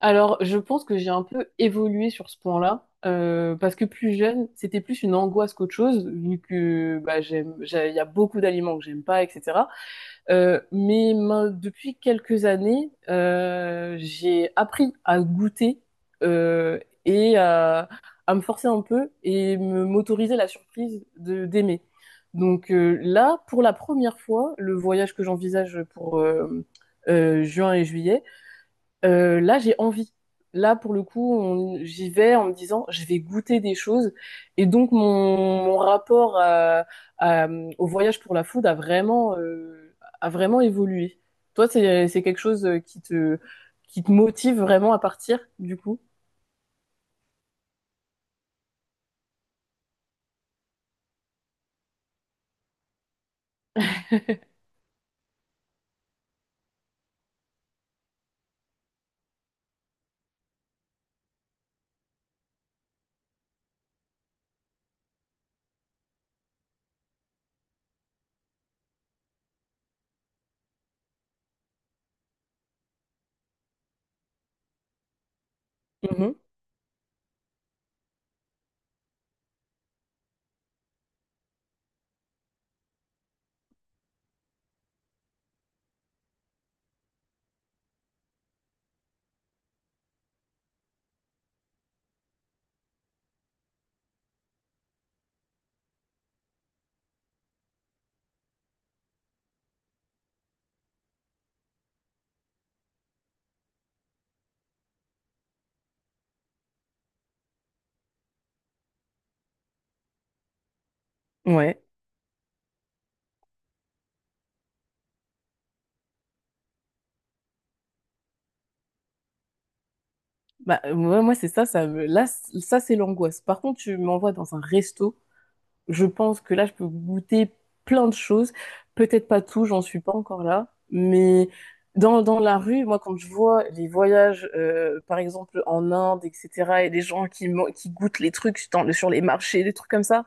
Alors, je pense que j'ai un peu évolué sur ce point-là, parce que plus jeune, c'était plus une angoisse qu'autre chose, vu que il y a beaucoup d'aliments que j'aime pas, etc. Depuis quelques années, j'ai appris à goûter euh, et à, à me forcer un peu et me m'autoriser la surprise de d'aimer. Là, pour la première fois, le voyage que j'envisage pour juin et juillet. Là, j'ai envie. Là, pour le coup, j'y vais en me disant, je vais goûter des choses. Et donc, mon rapport à- au voyage pour la food a a vraiment évolué. Toi, c'est quelque chose qui te motive vraiment à partir, du coup? Mhm. Ouais. Bah, ouais, moi, c'est ça, ça, c'est l'angoisse. Par contre, tu m'envoies dans un resto. Je pense que là, je peux goûter plein de choses. Peut-être pas tout, j'en suis pas encore là. Mais dans la rue, moi, quand je vois les voyages, par exemple, en Inde, etc., et les gens qui goûtent les trucs sur les marchés, des trucs comme ça,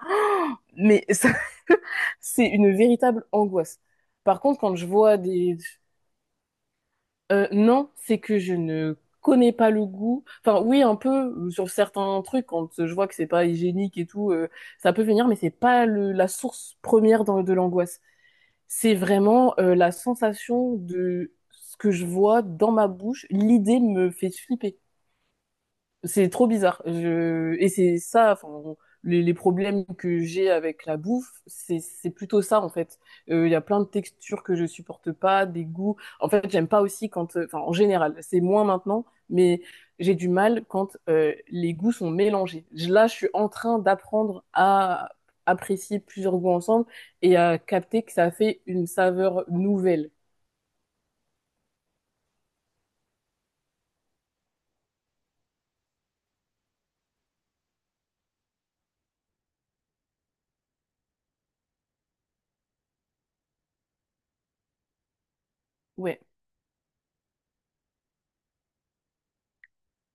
mais ça, c'est une véritable angoisse. Par contre, quand je vois des, non, c'est que je ne connais pas le goût. Enfin, oui, un peu sur certains trucs, quand je vois que c'est pas hygiénique et tout, ça peut venir, mais c'est pas la source première de l'angoisse. C'est vraiment la sensation de ce que je vois dans ma bouche. L'idée me fait flipper, c'est trop bizarre. Je... Et c'est ça, les problèmes que j'ai avec la bouffe, c'est plutôt ça en fait. Il y a plein de textures que je supporte pas, des goûts. En fait, j'aime pas aussi quand, en général, c'est moins maintenant, mais j'ai du mal quand les goûts sont mélangés. Là, je suis en train d'apprendre à apprécier plusieurs goûts ensemble et à capter que ça fait une saveur nouvelle. Ouais.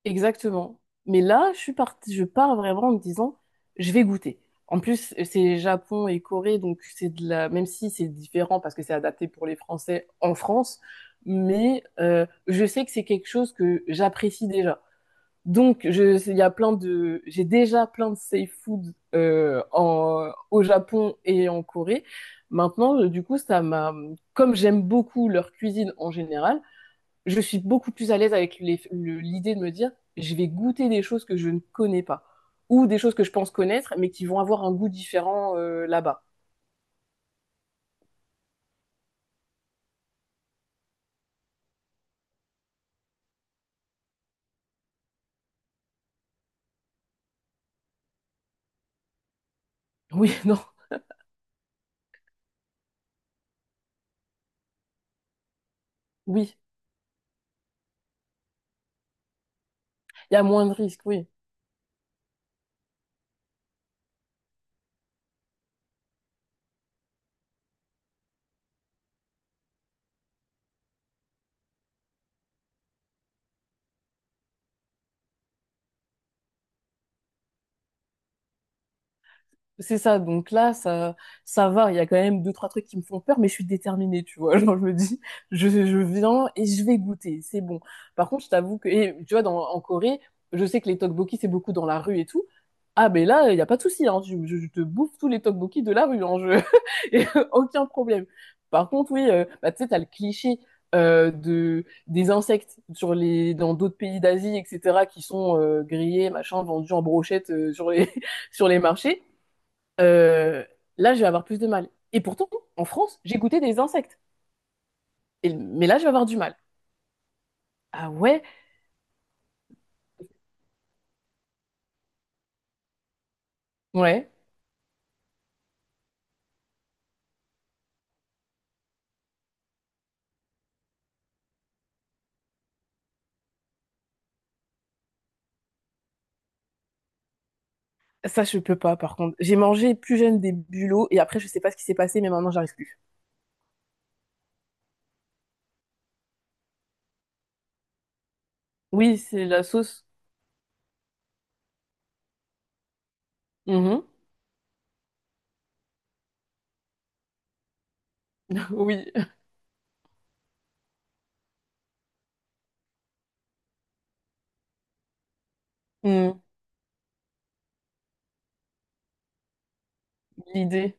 Exactement. Mais là, je pars vraiment en me disant, je vais goûter. En plus, c'est Japon et Corée, donc même si c'est différent parce que c'est adapté pour les Français en France, mais je sais que c'est quelque chose que j'apprécie déjà. Donc, il y a j'ai déjà plein de safe food euh, au Japon et en Corée. Maintenant, comme j'aime beaucoup leur cuisine en général, je suis beaucoup plus à l'aise avec l'idée de me dire, je vais goûter des choses que je ne connais pas, ou des choses que je pense connaître, mais qui vont avoir un goût différent là-bas. Oui, non, oui, il y a moins de risques, oui. C'est ça, donc ça va. Il y a quand même deux, trois trucs qui me font peur, mais je suis déterminée, tu vois. Genre, je me dis, je viens et je vais goûter, c'est bon. Par contre, je t'avoue tu vois, en Corée, je sais que les tteokbokki, c'est beaucoup dans la rue et tout. Ah, mais là, il n'y a pas de souci, hein. Je te bouffe tous les tteokbokki de la rue, hein. Je... et aucun problème. Par contre, oui, tu sais, t'as le cliché des insectes sur les, dans d'autres pays d'Asie, etc., qui sont grillés, machin, vendus en brochette sur les, sur les marchés. Euh, Là, je vais avoir plus de mal. Et pourtant, en France, j'ai goûté des insectes. Mais là, je vais avoir du mal. Ah ouais? Ouais. Ça, je peux pas, par contre. J'ai mangé plus jeune des bulots et après, je sais pas ce qui s'est passé, mais maintenant, j'arrive plus. Oui, c'est la sauce. Mhm. Oui. Mm, l'idée.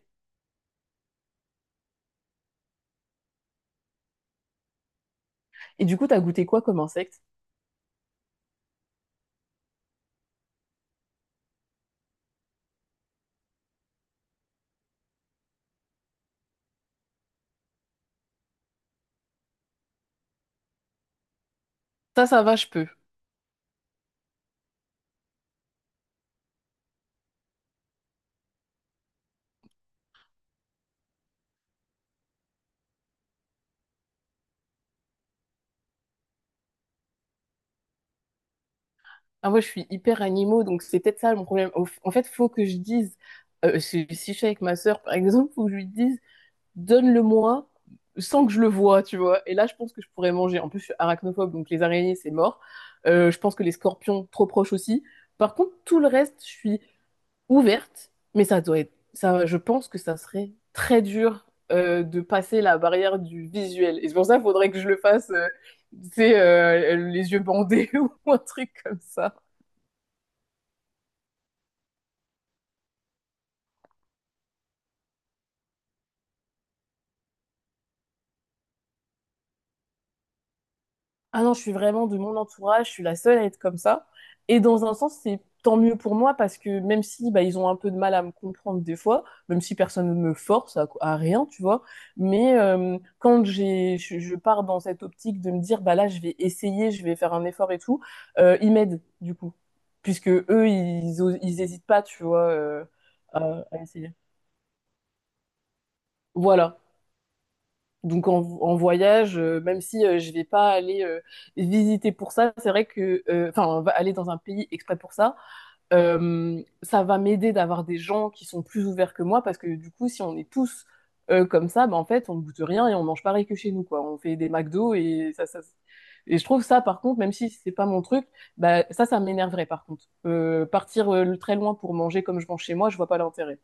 Et du coup, t'as goûté quoi comme insecte? Ça va, je peux. Ah, moi, je suis hyper animaux, donc c'est peut-être ça mon problème. En fait, faut que je dise, si je suis avec ma sœur, par exemple, faut que je lui dise. Donne-le-moi sans que je le vois, tu vois. Et là, je pense que je pourrais manger. En plus, je suis arachnophobe, donc les araignées, c'est mort. Je pense que les scorpions, trop proches aussi. Par contre, tout le reste, je suis ouverte, mais ça doit être, ça, je pense que ça serait très dur de passer la barrière du visuel. Et c'est pour ça qu'il faudrait que je le fasse, les yeux bandés ou un truc comme ça. Ah non, je suis vraiment de mon entourage, je suis la seule à être comme ça. Et dans un sens, c'est tant mieux pour moi parce que même si bah, ils ont un peu de mal à me comprendre des fois, même si personne ne me force à rien, tu vois, mais je pars dans cette optique de me dire, bah là, je vais essayer, je vais faire un effort et tout, ils m'aident du coup, puisque eux, ils hésitent pas, tu vois, à essayer. Voilà. Donc en voyage, même si je vais pas aller visiter pour ça, c'est vrai que, on va aller dans un pays exprès pour ça, ça va m'aider d'avoir des gens qui sont plus ouverts que moi, parce que du coup, si on est tous comme ça, bah, en fait, on ne goûte rien et on mange pareil que chez nous, quoi. On fait des McDo et ça, ça. Et je trouve ça, par contre, même si c'est pas mon truc, ça m'énerverait, par contre. Partir très loin pour manger comme je mange chez moi, je vois pas l'intérêt.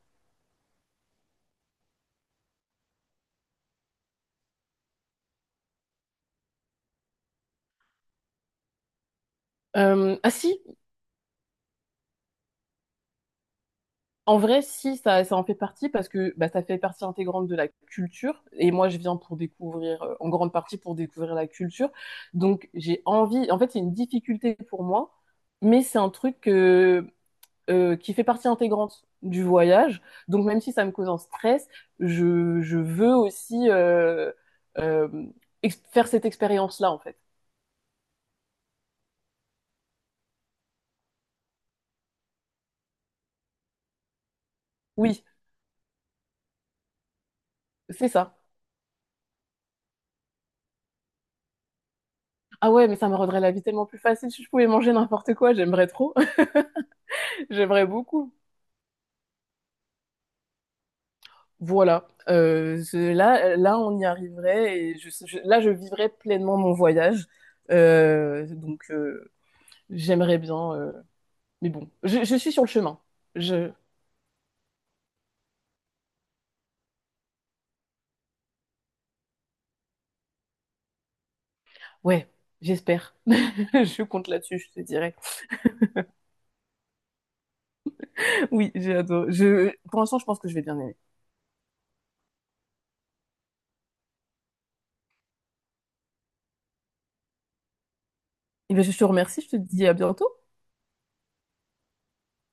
Ah si, En vrai, si, ça en fait partie parce que bah, ça fait partie intégrante de la culture. Et moi, je viens pour découvrir, en grande partie pour découvrir la culture. Donc, j'ai envie, en fait, c'est une difficulté pour moi, mais c'est un truc qui fait partie intégrante du voyage. Donc, même si ça me cause un stress, je veux aussi euh, faire cette expérience-là, en fait. Oui, c'est ça. Ah ouais, mais ça me rendrait la vie tellement plus facile si je pouvais manger n'importe quoi. J'aimerais trop. J'aimerais beaucoup. Voilà. Là, on y arriverait et là, je vivrais pleinement mon voyage. Euh, donc, euh, J'aimerais bien. Mais bon, je suis sur le chemin. Je, ouais, j'espère. Je compte là-dessus, je te dirais. Oui, j'adore. Pour l'instant, je pense que je vais bien aimer. Eh bien, je te remercie. Je te dis à bientôt.